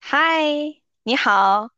嗨，你好。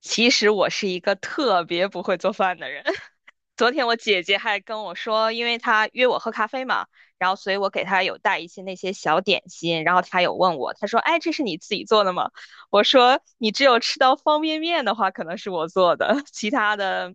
其实我是一个特别不会做饭的人。昨天我姐姐还跟我说，因为她约我喝咖啡嘛，所以我给她有带一些那些小点心，然后她有问我，她说：“哎，这是你自己做的吗？”我说：“你只有吃到方便面的话，可能是我做的，其他的，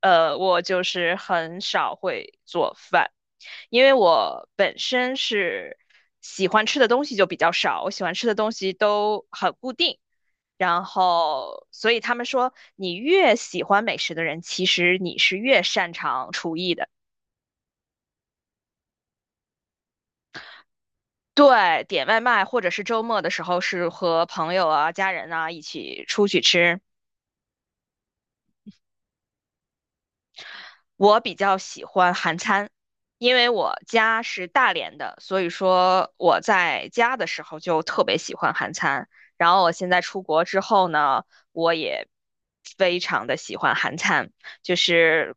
我就是很少会做饭。”因为我本身是喜欢吃的东西就比较少，我喜欢吃的东西都很固定，然后，所以他们说，你越喜欢美食的人，其实你是越擅长厨艺的。对，点外卖或者是周末的时候是和朋友啊、家人啊一起出去吃。我比较喜欢韩餐，因为我家是大连的，所以说我在家的时候就特别喜欢韩餐。然后我现在出国之后呢，我也非常的喜欢韩餐，就是，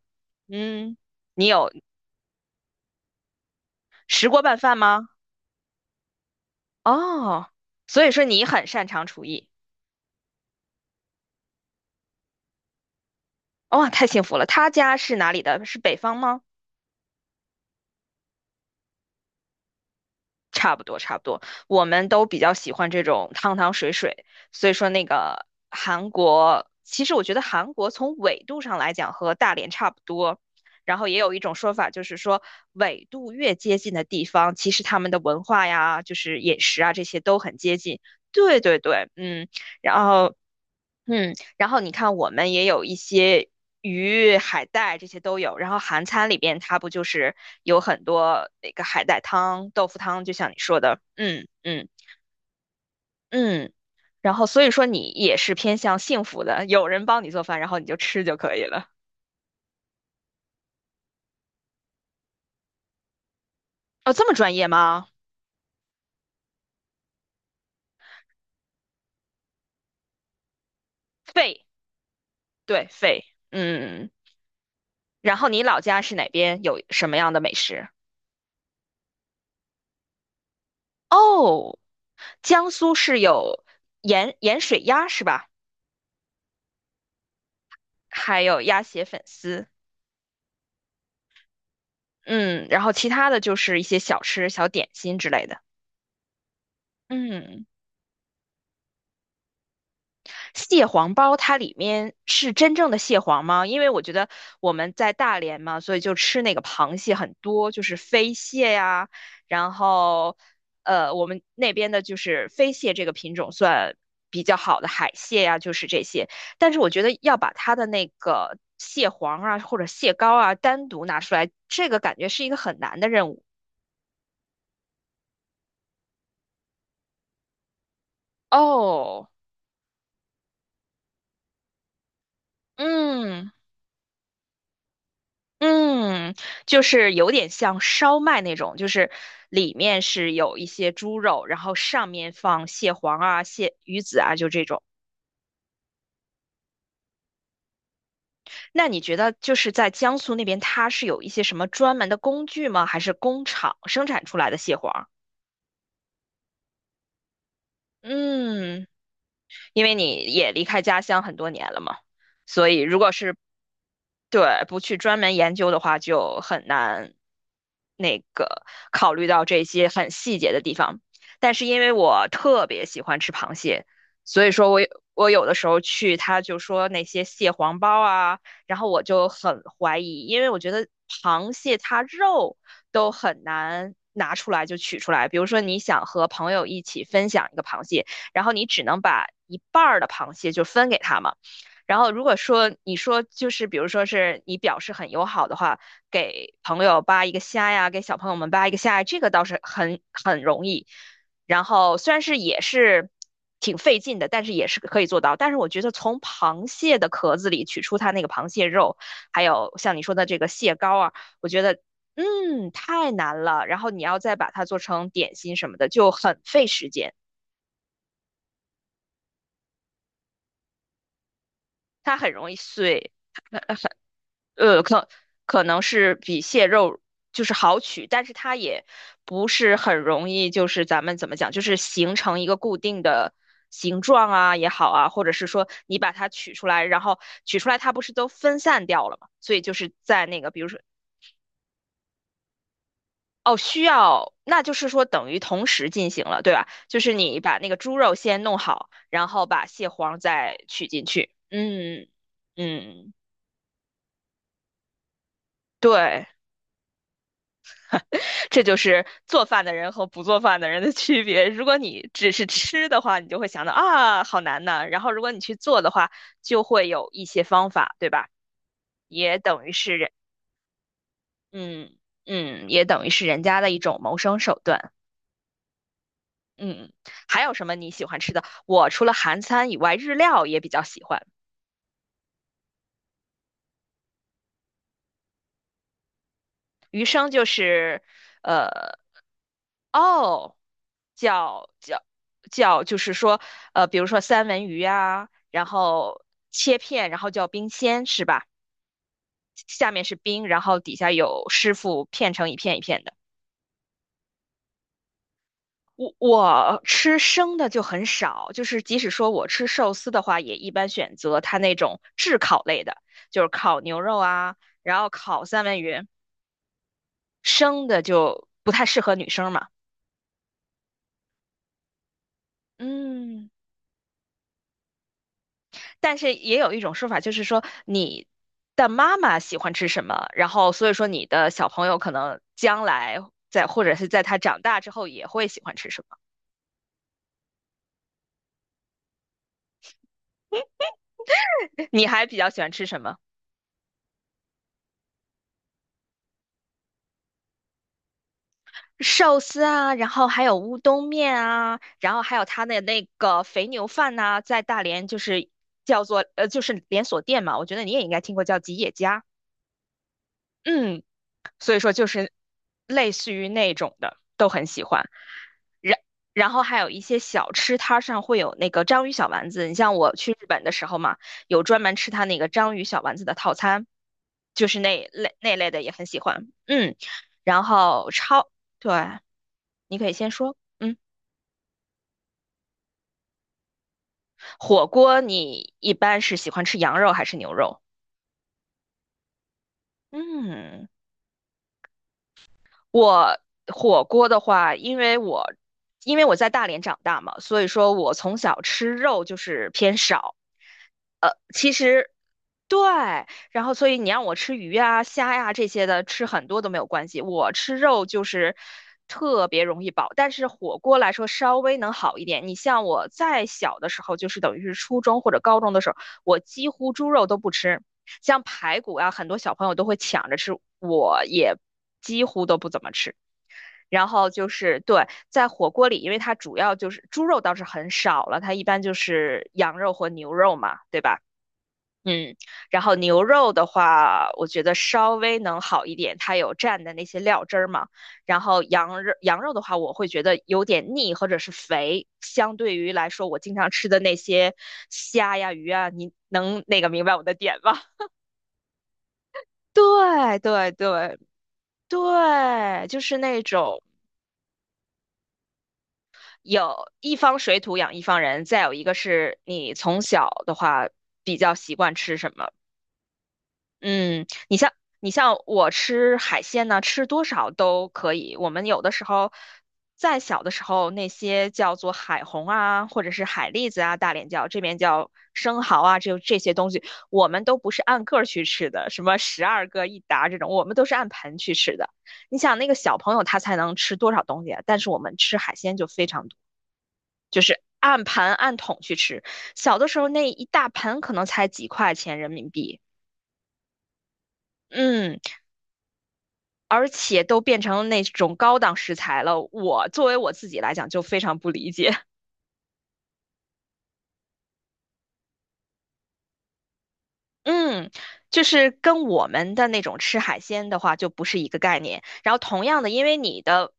嗯，你有石锅拌饭吗？哦，所以说你很擅长厨艺，哇、太幸福了。他家是哪里的？是北方吗？差不多，差不多。我们都比较喜欢这种汤汤水水，所以说那个韩国，其实我觉得韩国从纬度上来讲和大连差不多。然后也有一种说法，就是说纬度越接近的地方，其实他们的文化呀，就是饮食啊这些都很接近。对对对，嗯。然后嗯，然后你看，我们也有一些鱼、海带这些都有。然后韩餐里边，它不就是有很多那个海带汤、豆腐汤，就像你说的，嗯嗯嗯。然后所以说你也是偏向幸福的，有人帮你做饭，然后你就吃就可以了。哦，这么专业吗？肺，对，肺，嗯。然后你老家是哪边？有什么样的美食？哦，江苏是有盐水鸭是吧？还有鸭血粉丝。嗯，然后其他的就是一些小吃、小点心之类的。嗯，蟹黄包它里面是真正的蟹黄吗？因为我觉得我们在大连嘛，所以就吃那个螃蟹很多，就是飞蟹呀，然后我们那边的就是飞蟹这个品种算比较好的海蟹呀，就是这些。但是我觉得要把它的那个蟹黄啊或者蟹膏啊单独拿出来，这个感觉是一个很难的任务。哦，嗯。嗯，就是有点像烧麦那种，就是里面是有一些猪肉，然后上面放蟹黄啊、蟹鱼子啊，就这种。那你觉得就是在江苏那边，它是有一些什么专门的工具吗？还是工厂生产出来的蟹黄？嗯。因为你也离开家乡很多年了嘛，所以如果是对不去专门研究的话，就很难那个考虑到这些很细节的地方。但是因为我特别喜欢吃螃蟹，所以说我有的时候去，他就说那些蟹黄包啊，然后我就很怀疑，因为我觉得螃蟹它肉都很难拿出来就取出来。比如说你想和朋友一起分享一个螃蟹，然后你只能把一半儿的螃蟹就分给他嘛。然后如果说你说就是比如说是你表示很友好的话，给朋友扒一个虾呀，给小朋友们扒一个虾呀，这个倒是很容易。然后虽然是也是挺费劲的，但是也是可以做到。但是我觉得从螃蟹的壳子里取出它那个螃蟹肉，还有像你说的这个蟹膏啊，我觉得嗯太难了。然后你要再把它做成点心什么的，就很费时间。它很容易碎，呃，可可能是比蟹肉就是好取，但是它也不是很容易，就是咱们怎么讲，就是形成一个固定的形状啊也好啊，或者是说你把它取出来，然后取出来它不是都分散掉了嘛，所以就是在那个，比如说。哦，需要，那就是说等于同时进行了，对吧？就是你把那个猪肉先弄好，然后把蟹黄再取进去。嗯嗯，嗯对。这就是做饭的人和不做饭的人的区别。如果你只是吃的话，你就会想到啊，好难呐。然后如果你去做的话，就会有一些方法，对吧？也等于是人，嗯嗯，也等于是人家的一种谋生手段。嗯，还有什么你喜欢吃的？我除了韩餐以外，日料也比较喜欢。余生就是，呃，哦。叫叫叫，就是说，比如说三文鱼啊，然后切片，然后叫冰鲜，是吧？下面是冰，然后底下有师傅片成一片一片的。我吃生的就很少，就是即使说我吃寿司的话，也一般选择它那种炙烤类的，就是烤牛肉啊，然后烤三文鱼，生的就不太适合女生嘛。嗯。但是也有一种说法，就是说你的妈妈喜欢吃什么，然后所以说你的小朋友可能将来在或者是在他长大之后也会喜欢吃什么。你还比较喜欢吃什么？寿司啊，然后还有乌冬面啊，然后还有他的那个肥牛饭呐、在大连就是叫做就是连锁店嘛，我觉得你也应该听过叫吉野家，嗯，所以说就是类似于那种的都很喜欢。然然后还有一些小吃摊上会有那个章鱼小丸子，你像我去日本的时候嘛，有专门吃它那个章鱼小丸子的套餐，就是那类的也很喜欢，嗯，然后超，对，你可以先说，嗯，火锅你一般是喜欢吃羊肉还是牛肉？嗯，我火锅的话，因为我在大连长大嘛，所以说我从小吃肉就是偏少。其实对，然后所以你让我吃鱼啊、虾呀、这些的，吃很多都没有关系。我吃肉就是特别容易饱，但是火锅来说稍微能好一点。你像我再小的时候，就是等于是初中或者高中的时候，我几乎猪肉都不吃，像排骨啊，很多小朋友都会抢着吃，我也几乎都不怎么吃。然后就是对，在火锅里，因为它主要就是猪肉倒是很少了，它一般就是羊肉和牛肉嘛，对吧？嗯，然后牛肉的话，我觉得稍微能好一点，它有蘸的那些料汁儿嘛。然后羊肉，羊肉的话，我会觉得有点腻或者是肥，相对于来说，我经常吃的那些虾呀、鱼啊，你能那个明白我的点吗？对对对对，就是那种有一方水土养一方人，再有一个是你从小的话比较习惯吃什么。嗯，你像我吃海鲜呢，吃多少都可以。我们有的时候，再小的时候，那些叫做海虹啊，或者是海蛎子啊，大连叫这边叫生蚝啊，这些东西，我们都不是按个儿去吃的，什么十二个一打这种，我们都是按盆去吃的。你想那个小朋友他才能吃多少东西啊？但是我们吃海鲜就非常多，就是按盘按桶去吃。小的时候那一大盆可能才几块钱人民币。嗯。而且都变成那种高档食材了，我作为我自己来讲就非常不理解。嗯，就是跟我们的那种吃海鲜的话就不是一个概念。然后同样的，因为你的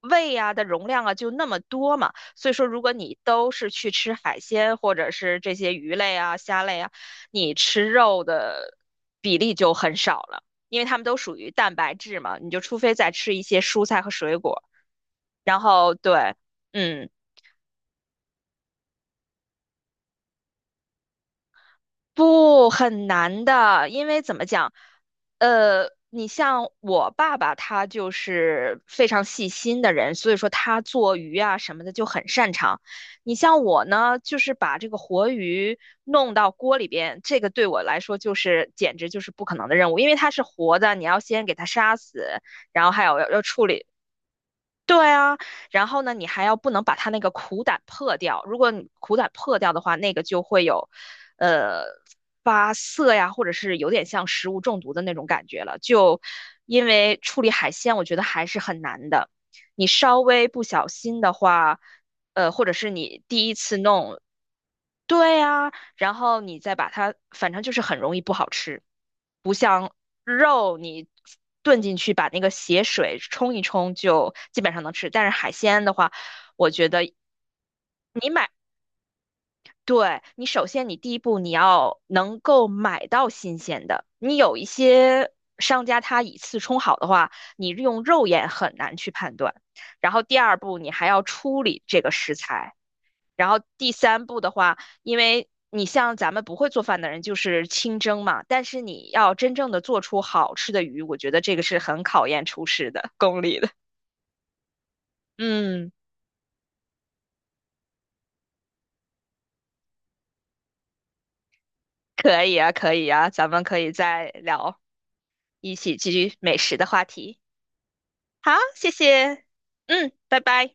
胃啊的容量啊就那么多嘛，所以说如果你都是去吃海鲜或者是这些鱼类啊、虾类啊，你吃肉的比例就很少了，因为它们都属于蛋白质嘛，你就除非再吃一些蔬菜和水果，然后对。嗯，不，很难的，因为怎么讲，你像我爸爸，他就是非常细心的人，所以说他做鱼啊什么的就很擅长。你像我呢，就是把这个活鱼弄到锅里边，这个对我来说就是简直就是不可能的任务，因为它是活的，你要先给它杀死，然后还有要处理对啊，然后呢，你还要不能把它那个苦胆破掉。如果你苦胆破掉的话，那个就会有，呃，发涩呀，或者是有点像食物中毒的那种感觉了。就因为处理海鲜，我觉得还是很难的。你稍微不小心的话，或者是你第一次弄，对呀，然后你再把它，反正就是很容易不好吃，不像肉你炖进去把那个血水冲一冲就基本上能吃，但是海鲜的话，我觉得你买，对，你首先你第一步你要能够买到新鲜的，你有一些。商家他以次充好的话，你用肉眼很难去判断。然后第二步，你还要处理这个食材，然后第三步的话，因为你像咱们不会做饭的人，就是清蒸嘛，但是你要真正的做出好吃的鱼，我觉得这个是很考验厨师的功力的。嗯，可以啊，可以啊，咱们可以再聊，一起继续美食的话题。好，谢谢，嗯，拜拜。